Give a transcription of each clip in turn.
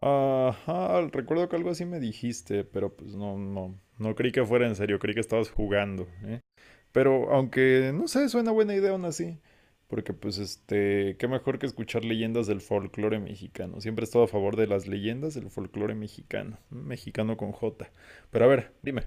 Ajá, recuerdo que algo así me dijiste, pero pues no creí que fuera en serio, creí que estabas jugando, ¿eh? Pero aunque, no sé, suena buena idea aún así, porque pues qué mejor que escuchar leyendas del folclore mexicano. Siempre he estado a favor de las leyendas del folclore mexicano, mexicano con J. Pero a ver, dime.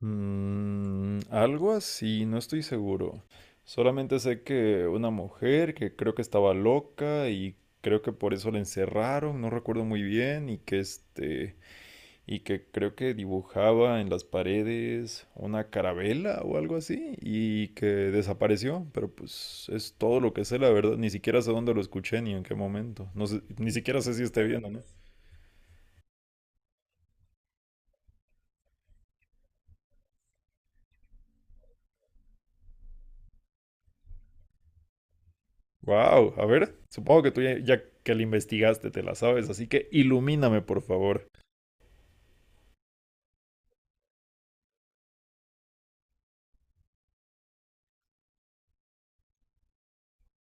Mm, algo así, no estoy seguro. Solamente sé que una mujer que creo que estaba loca y creo que por eso la encerraron, no recuerdo muy bien, y que y que creo que dibujaba en las paredes una carabela o algo así, y que desapareció, pero pues es todo lo que sé, la verdad, ni siquiera sé dónde lo escuché ni en qué momento. No sé, ni siquiera sé si esté bien o no. Wow, a ver, supongo que tú ya que la investigaste te la sabes, así que ilumíname, por favor.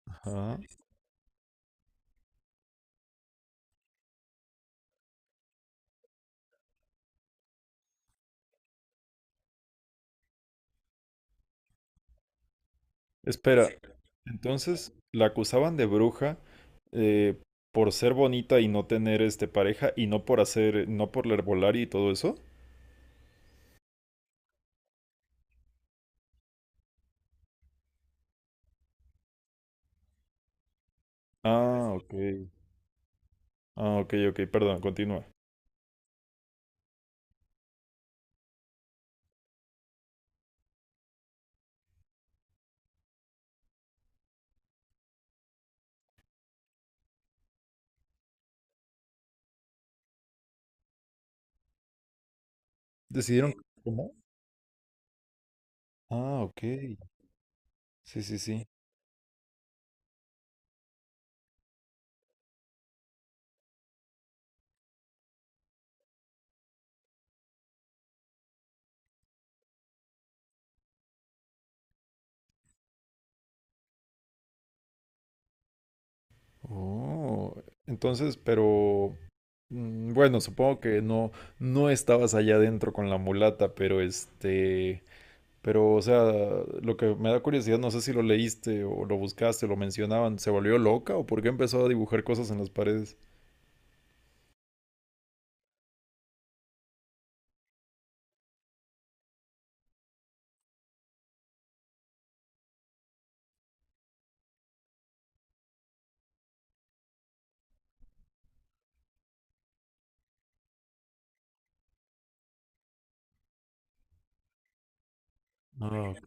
Ajá. Espera, entonces la acusaban de bruja eh, por ser bonita y no tener pareja y no por hacer, no por la herbolaria y todo eso. Ah, ok. Ah, ok, perdón, continúa. Decidieron. ¿Cómo? Ah, ok. Sí, sí, sí. Oh, entonces, pero mm, bueno, supongo que no, no estabas allá adentro con la mulata, pero pero, o sea, lo que me da curiosidad, no sé si lo leíste o lo buscaste, lo mencionaban, ¿se volvió loca o por qué empezó a dibujar cosas en las paredes? Ah, ok.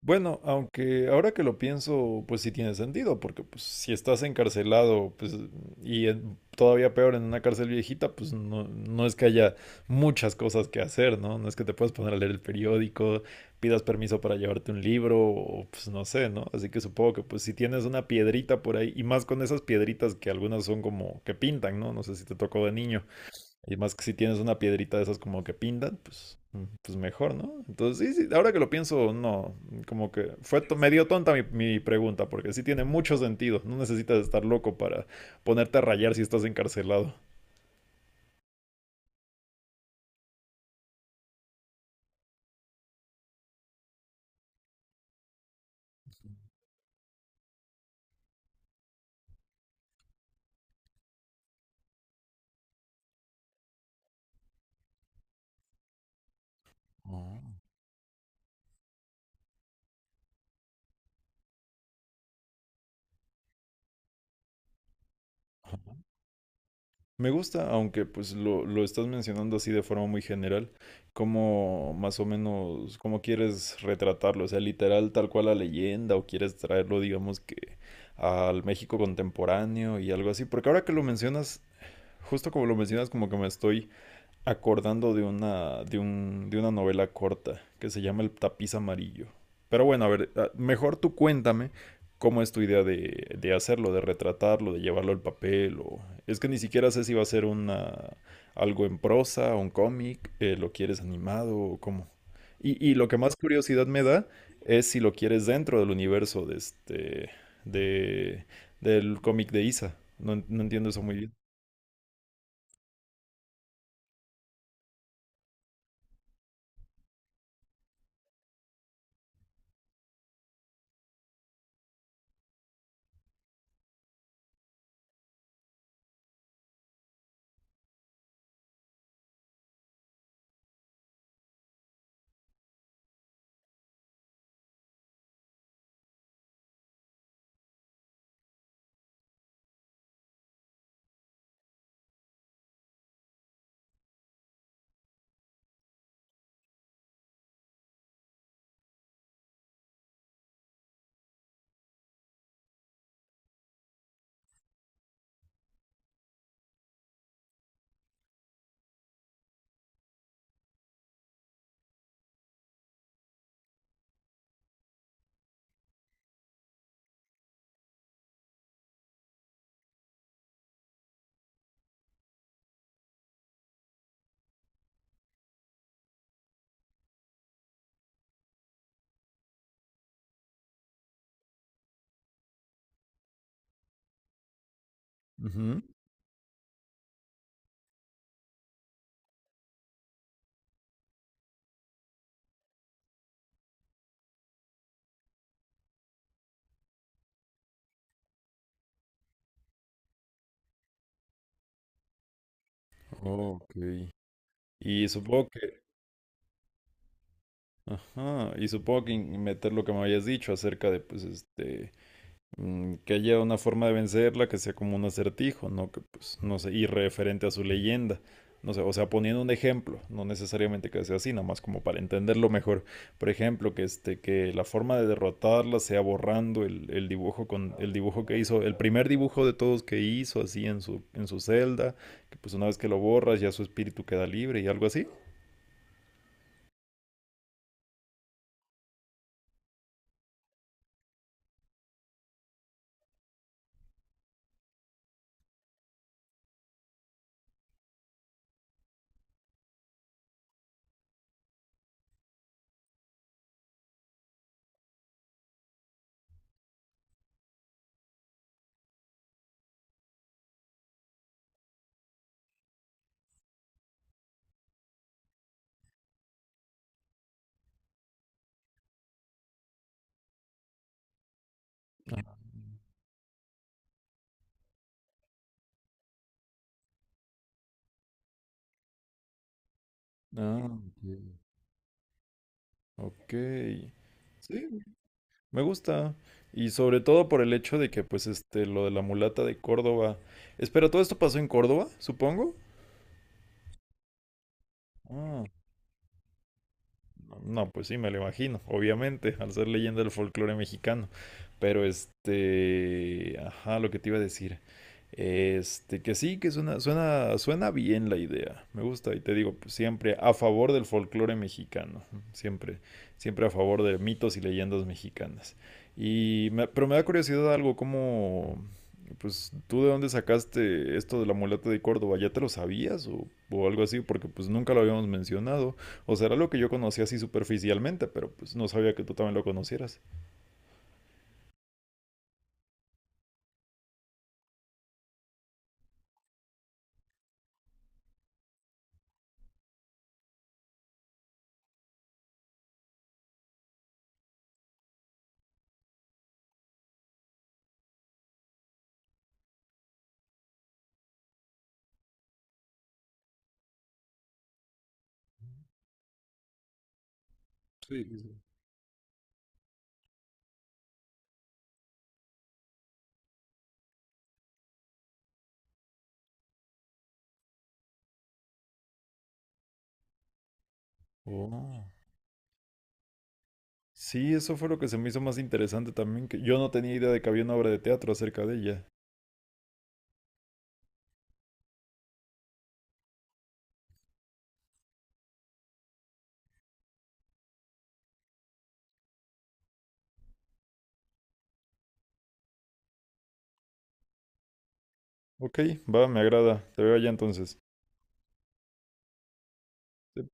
Bueno, aunque ahora que lo pienso, pues sí tiene sentido, porque pues si estás encarcelado, pues todavía peor en una cárcel viejita, pues no, no es que haya muchas cosas que hacer, ¿no? No es que te puedas poner a leer el periódico, pidas permiso para llevarte un libro, o pues no sé, ¿no? Así que supongo que pues si tienes una piedrita por ahí, y más con esas piedritas que algunas son como que pintan, ¿no? No sé si te tocó de niño. Y más que si tienes una piedrita de esas como que pintan, pues, pues mejor, ¿no? Entonces, sí, sí, ahora que lo pienso, no. Como que fue to- Medio tonta mi pregunta, porque sí tiene mucho sentido. No necesitas estar loco para ponerte a rayar si estás encarcelado. Oh. Me gusta, aunque pues lo estás mencionando así de forma muy general, cómo más o menos, cómo quieres retratarlo, o sea, literal tal cual la leyenda, o quieres traerlo, digamos que al México contemporáneo y algo así, porque ahora que lo mencionas, justo como lo mencionas, como que me estoy acordando de una novela corta que se llama El tapiz amarillo. Pero bueno, a ver, ah, mejor tú cuéntame cómo es tu idea de hacerlo, de retratarlo, de llevarlo al papel. O... es que ni siquiera sé si va a ser algo en prosa, un cómic, lo quieres animado o cómo. Y lo que más curiosidad me da es si lo quieres dentro del universo de de, del cómic de Isa. No entiendo eso muy bien. Ok. Y supongo que, ajá, y supongo que meter lo que me habías dicho acerca de, pues, mm, que haya una forma de vencerla que sea como un acertijo, ¿no? Que, pues, no sé, y referente a su leyenda. No sé, o sea, poniendo un ejemplo, no necesariamente que sea así, nada más como para entenderlo mejor. Por ejemplo, que que la forma de derrotarla sea borrando el dibujo el dibujo que hizo, el primer dibujo de todos que hizo así en en su celda, que pues una vez que lo borras ya su espíritu queda libre y algo así. Ah, ok. Sí, me gusta. Y sobre todo por el hecho de que, pues, lo de la mulata de Córdoba. Espera, ¿todo esto pasó en Córdoba, supongo? Ah. No, pues sí, me lo imagino, obviamente, al ser leyenda del folclore mexicano. Pero ajá, lo que te iba a decir. Que sí, que suena bien la idea. Me gusta y te digo, pues, siempre a favor del folclore mexicano, siempre, siempre a favor de mitos y leyendas mexicanas. Pero me da curiosidad algo como, pues, ¿tú de dónde sacaste esto de la mulata de Córdoba? ¿Ya te lo sabías o algo así? Porque pues nunca lo habíamos mencionado. O sea, era lo que yo conocía así superficialmente, pero pues no sabía que tú también lo conocieras. Sí, sí, sí. Oh. Sí, eso fue lo que se me hizo más interesante también, que yo no tenía idea de que había una obra de teatro acerca de ella. Ok, va, me agrada. Te veo allá entonces. Sí,